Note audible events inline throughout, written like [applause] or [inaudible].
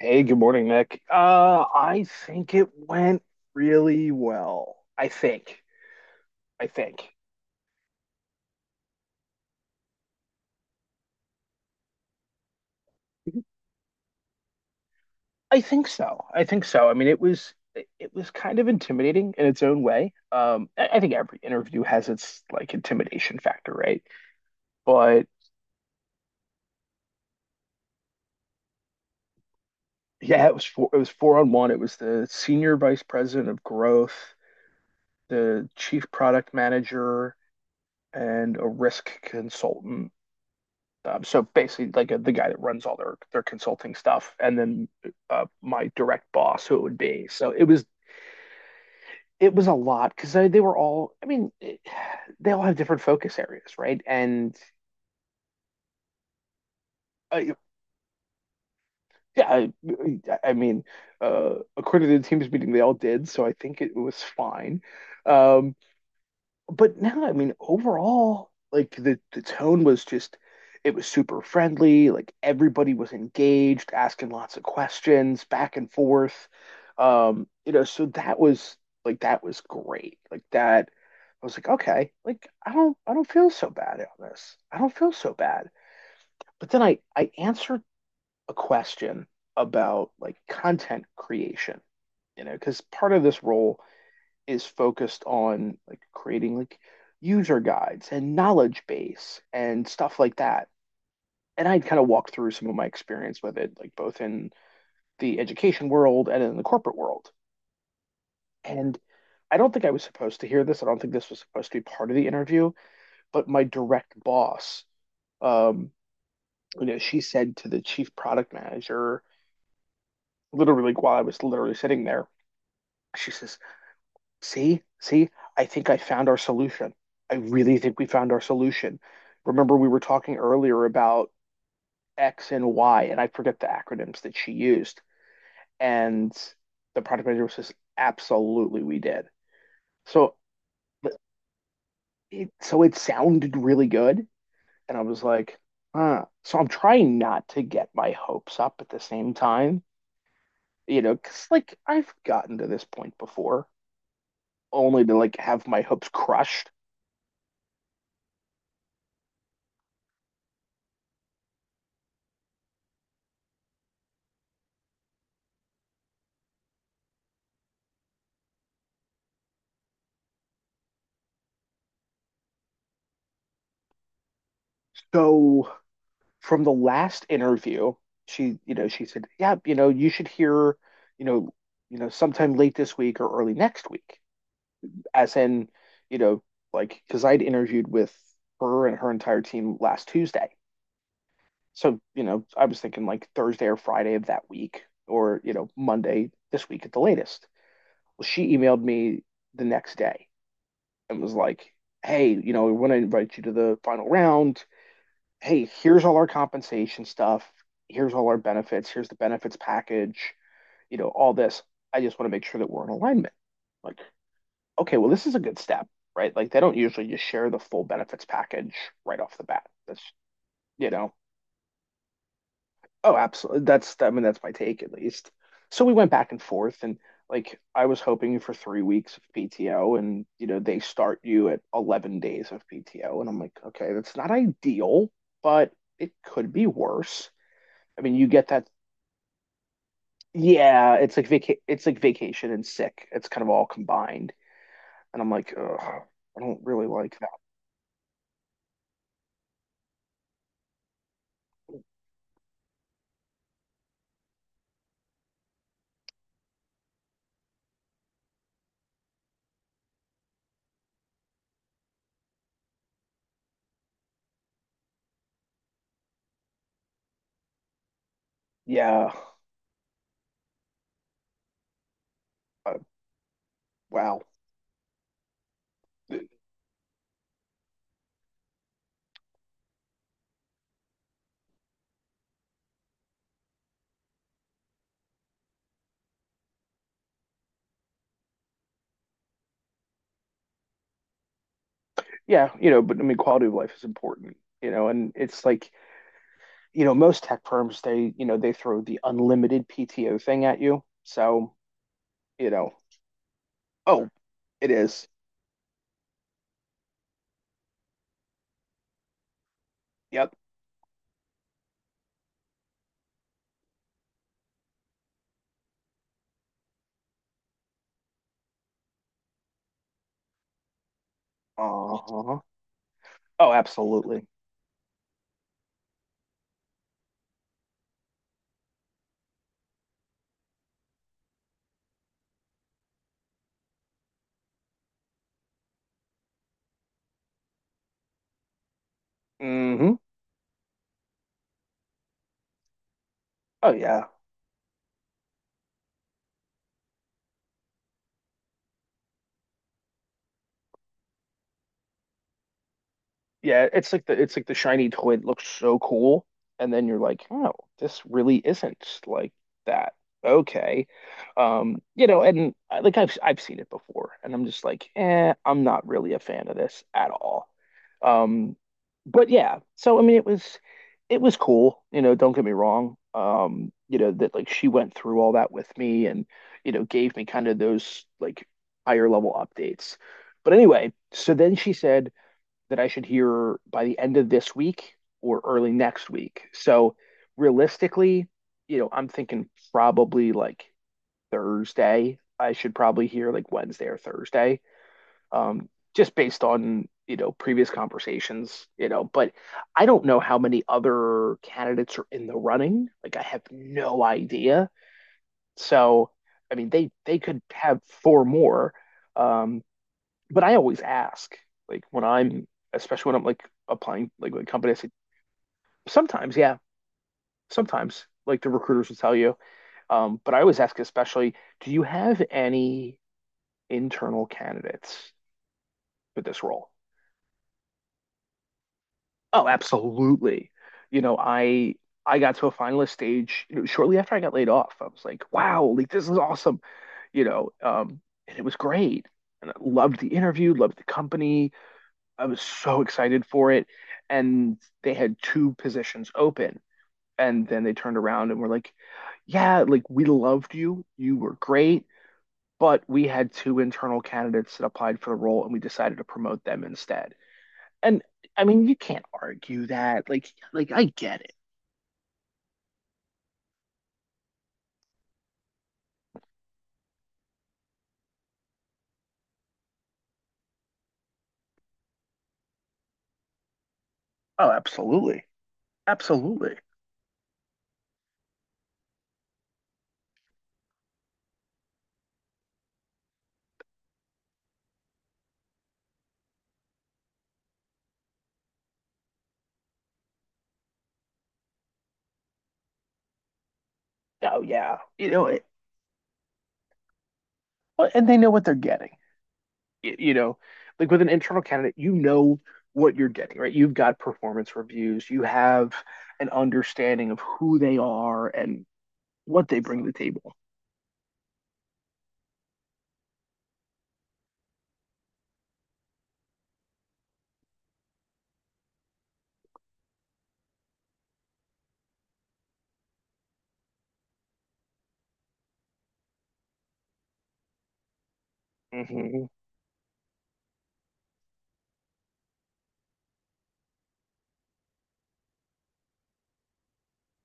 Hey, good morning, Nick. I think it went really well. I think. I think. I think so. I think so. I mean, it was kind of intimidating in its own way. I think every interview has its like intimidation factor, right? But yeah, it was four on one. It was the senior vice president of growth, the chief product manager, and a risk consultant. So basically, like the guy that runs all their consulting stuff, and then my direct boss, who it would be. So it was a lot because they were all. I mean, [sighs] they all have different focus areas, right? And uh, yeah, I mean, according to the Teams meeting, they all did, so I think it was fine. Um, but now, I mean, overall, like the tone was just it was super friendly. Like everybody was engaged, asking lots of questions, back and forth. You know, so that was like that was great. Like that, I was like, okay, like I don't feel so bad on this. I don't feel so bad. But then I answered a question about like content creation, you know, because part of this role is focused on like creating like user guides and knowledge base and stuff like that. And I'd kind of walk through some of my experience with it, like both in the education world and in the corporate world. And I don't think I was supposed to hear this. I don't think this was supposed to be part of the interview, but my direct boss, um, you know, she said to the chief product manager, literally like, while I was literally sitting there, she says, "See, see, I think I found our solution. I really think we found our solution. Remember, we were talking earlier about X and Y," and I forget the acronyms that she used. And the product manager says, absolutely, we did. So it sounded really good. And I was like, huh. So I'm trying not to get my hopes up at the same time, you know, because like I've gotten to this point before, only to like have my hopes crushed. So from the last interview, she said, "Yeah, you know, you should hear, you know, sometime late this week or early next week." As in, you know, like because I'd interviewed with her and her entire team last Tuesday, so you know, I was thinking like Thursday or Friday of that week, or you know, Monday this week at the latest. Well, she emailed me the next day and was like, "Hey, you know, we want to invite you to the final round. Hey, here's all our compensation stuff. Here's all our benefits. Here's the benefits package, you know, all this. I just want to make sure that we're in alignment." Like, okay, well, this is a good step, right? Like, they don't usually just share the full benefits package right off the bat. That's, you know, oh, absolutely. That's, I mean, that's my take at least. So we went back and forth and like I was hoping for 3 weeks of PTO and, you know, they start you at 11 days of PTO. And I'm like, okay, that's not ideal, but it could be worse. I mean, you get that. Yeah, it's like vacation and sick. It's kind of all combined, and I'm like, ugh, I don't really like that. Yeah, uh, wow. Yeah, you know, but I mean, quality of life is important, you know, and it's like, you know, most tech firms they throw the unlimited PTO thing at you. So, you know, oh, it is. Yep. Uh-huh. Oh, absolutely. Hmm. Oh yeah. Yeah, it's like the shiny toy that looks so cool, and then you're like, oh, this really isn't like that. Okay, you know, and like I've seen it before, and I'm just like, eh, I'm not really a fan of this at all. Um, but yeah, so I mean, it was cool, you know, don't get me wrong. You know, that like she went through all that with me and, you know, gave me kind of those like higher level updates. But anyway, so then she said that I should hear by the end of this week or early next week. So realistically, you know, I'm thinking probably like Thursday. I should probably hear like Wednesday or Thursday, um, just based on, you know, previous conversations, you know. But I don't know how many other candidates are in the running. Like I have no idea. So, I mean, they could have four more. Um, but I always ask, like when I'm, especially when I'm like applying, like with companies, sometimes, yeah, sometimes, like the recruiters will tell you. But I always ask, especially, do you have any internal candidates for this role? Oh, absolutely. You know, I got to a finalist stage, you know, shortly after I got laid off. I was like, wow, like this is awesome, you know, and it was great. And I loved the interview, loved the company, I was so excited for it. And they had two positions open. And then they turned around and were like, yeah, like we loved you. You were great. But we had two internal candidates that applied for the role and we decided to promote them instead. And I mean, you can't argue that. Like, I get it. Oh, absolutely. Absolutely. Oh, yeah. You know, well, and they know what they're getting. You know, like with an internal candidate, you know what you're getting, right? You've got performance reviews, you have an understanding of who they are and what they bring to the table. Hmm.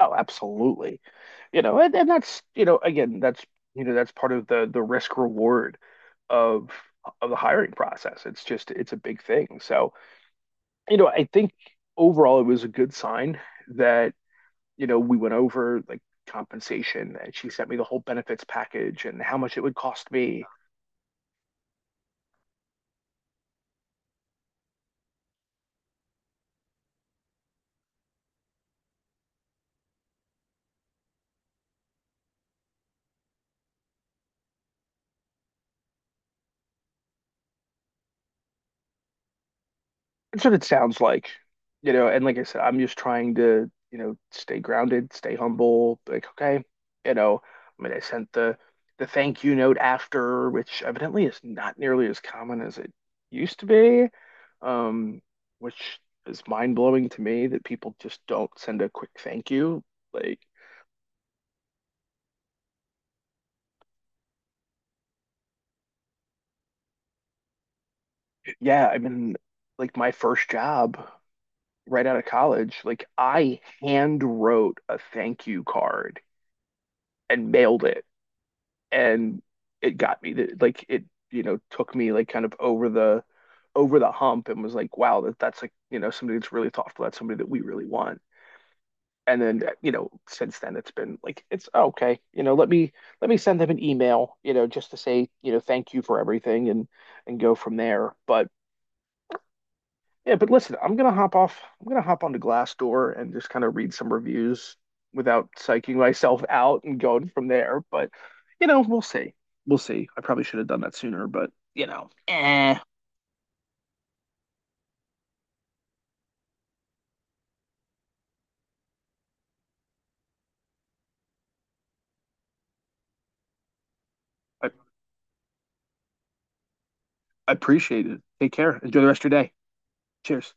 Oh, absolutely. You know, and that's, you know, again, that's, you know, that's part of the risk reward of of the hiring process. It's just, it's a big thing. So, you know, I think overall it was a good sign that you know, we went over like compensation and she sent me the whole benefits package and how much it would cost me. That's what it sounds like, you know, and like I said, I'm just trying to, you know, stay grounded, stay humble, like, okay, you know, I mean, I sent the thank you note after, which evidently is not nearly as common as it used to be, um, which is mind blowing to me that people just don't send a quick thank you. Like, yeah, I mean, like my first job, right out of college, like I hand wrote a thank you card and mailed it, and it got like it, you know, took me like kind of over the hump and was like, wow, that's like, you know, somebody that's really thoughtful. That's somebody that we really want. And then, you know, since then it's been like it's oh, okay, you know, let me send them an email, you know, just to say, you know, thank you for everything and go from there. But yeah, but listen, I'm gonna hop off. I'm gonna hop onto Glassdoor and just kind of read some reviews without psyching myself [laughs] out and going from there. But you know, we'll see. We'll see. I probably should have done that sooner, but you know, eh. I, I appreciate it. Take care. Enjoy the rest of your day. Cheers.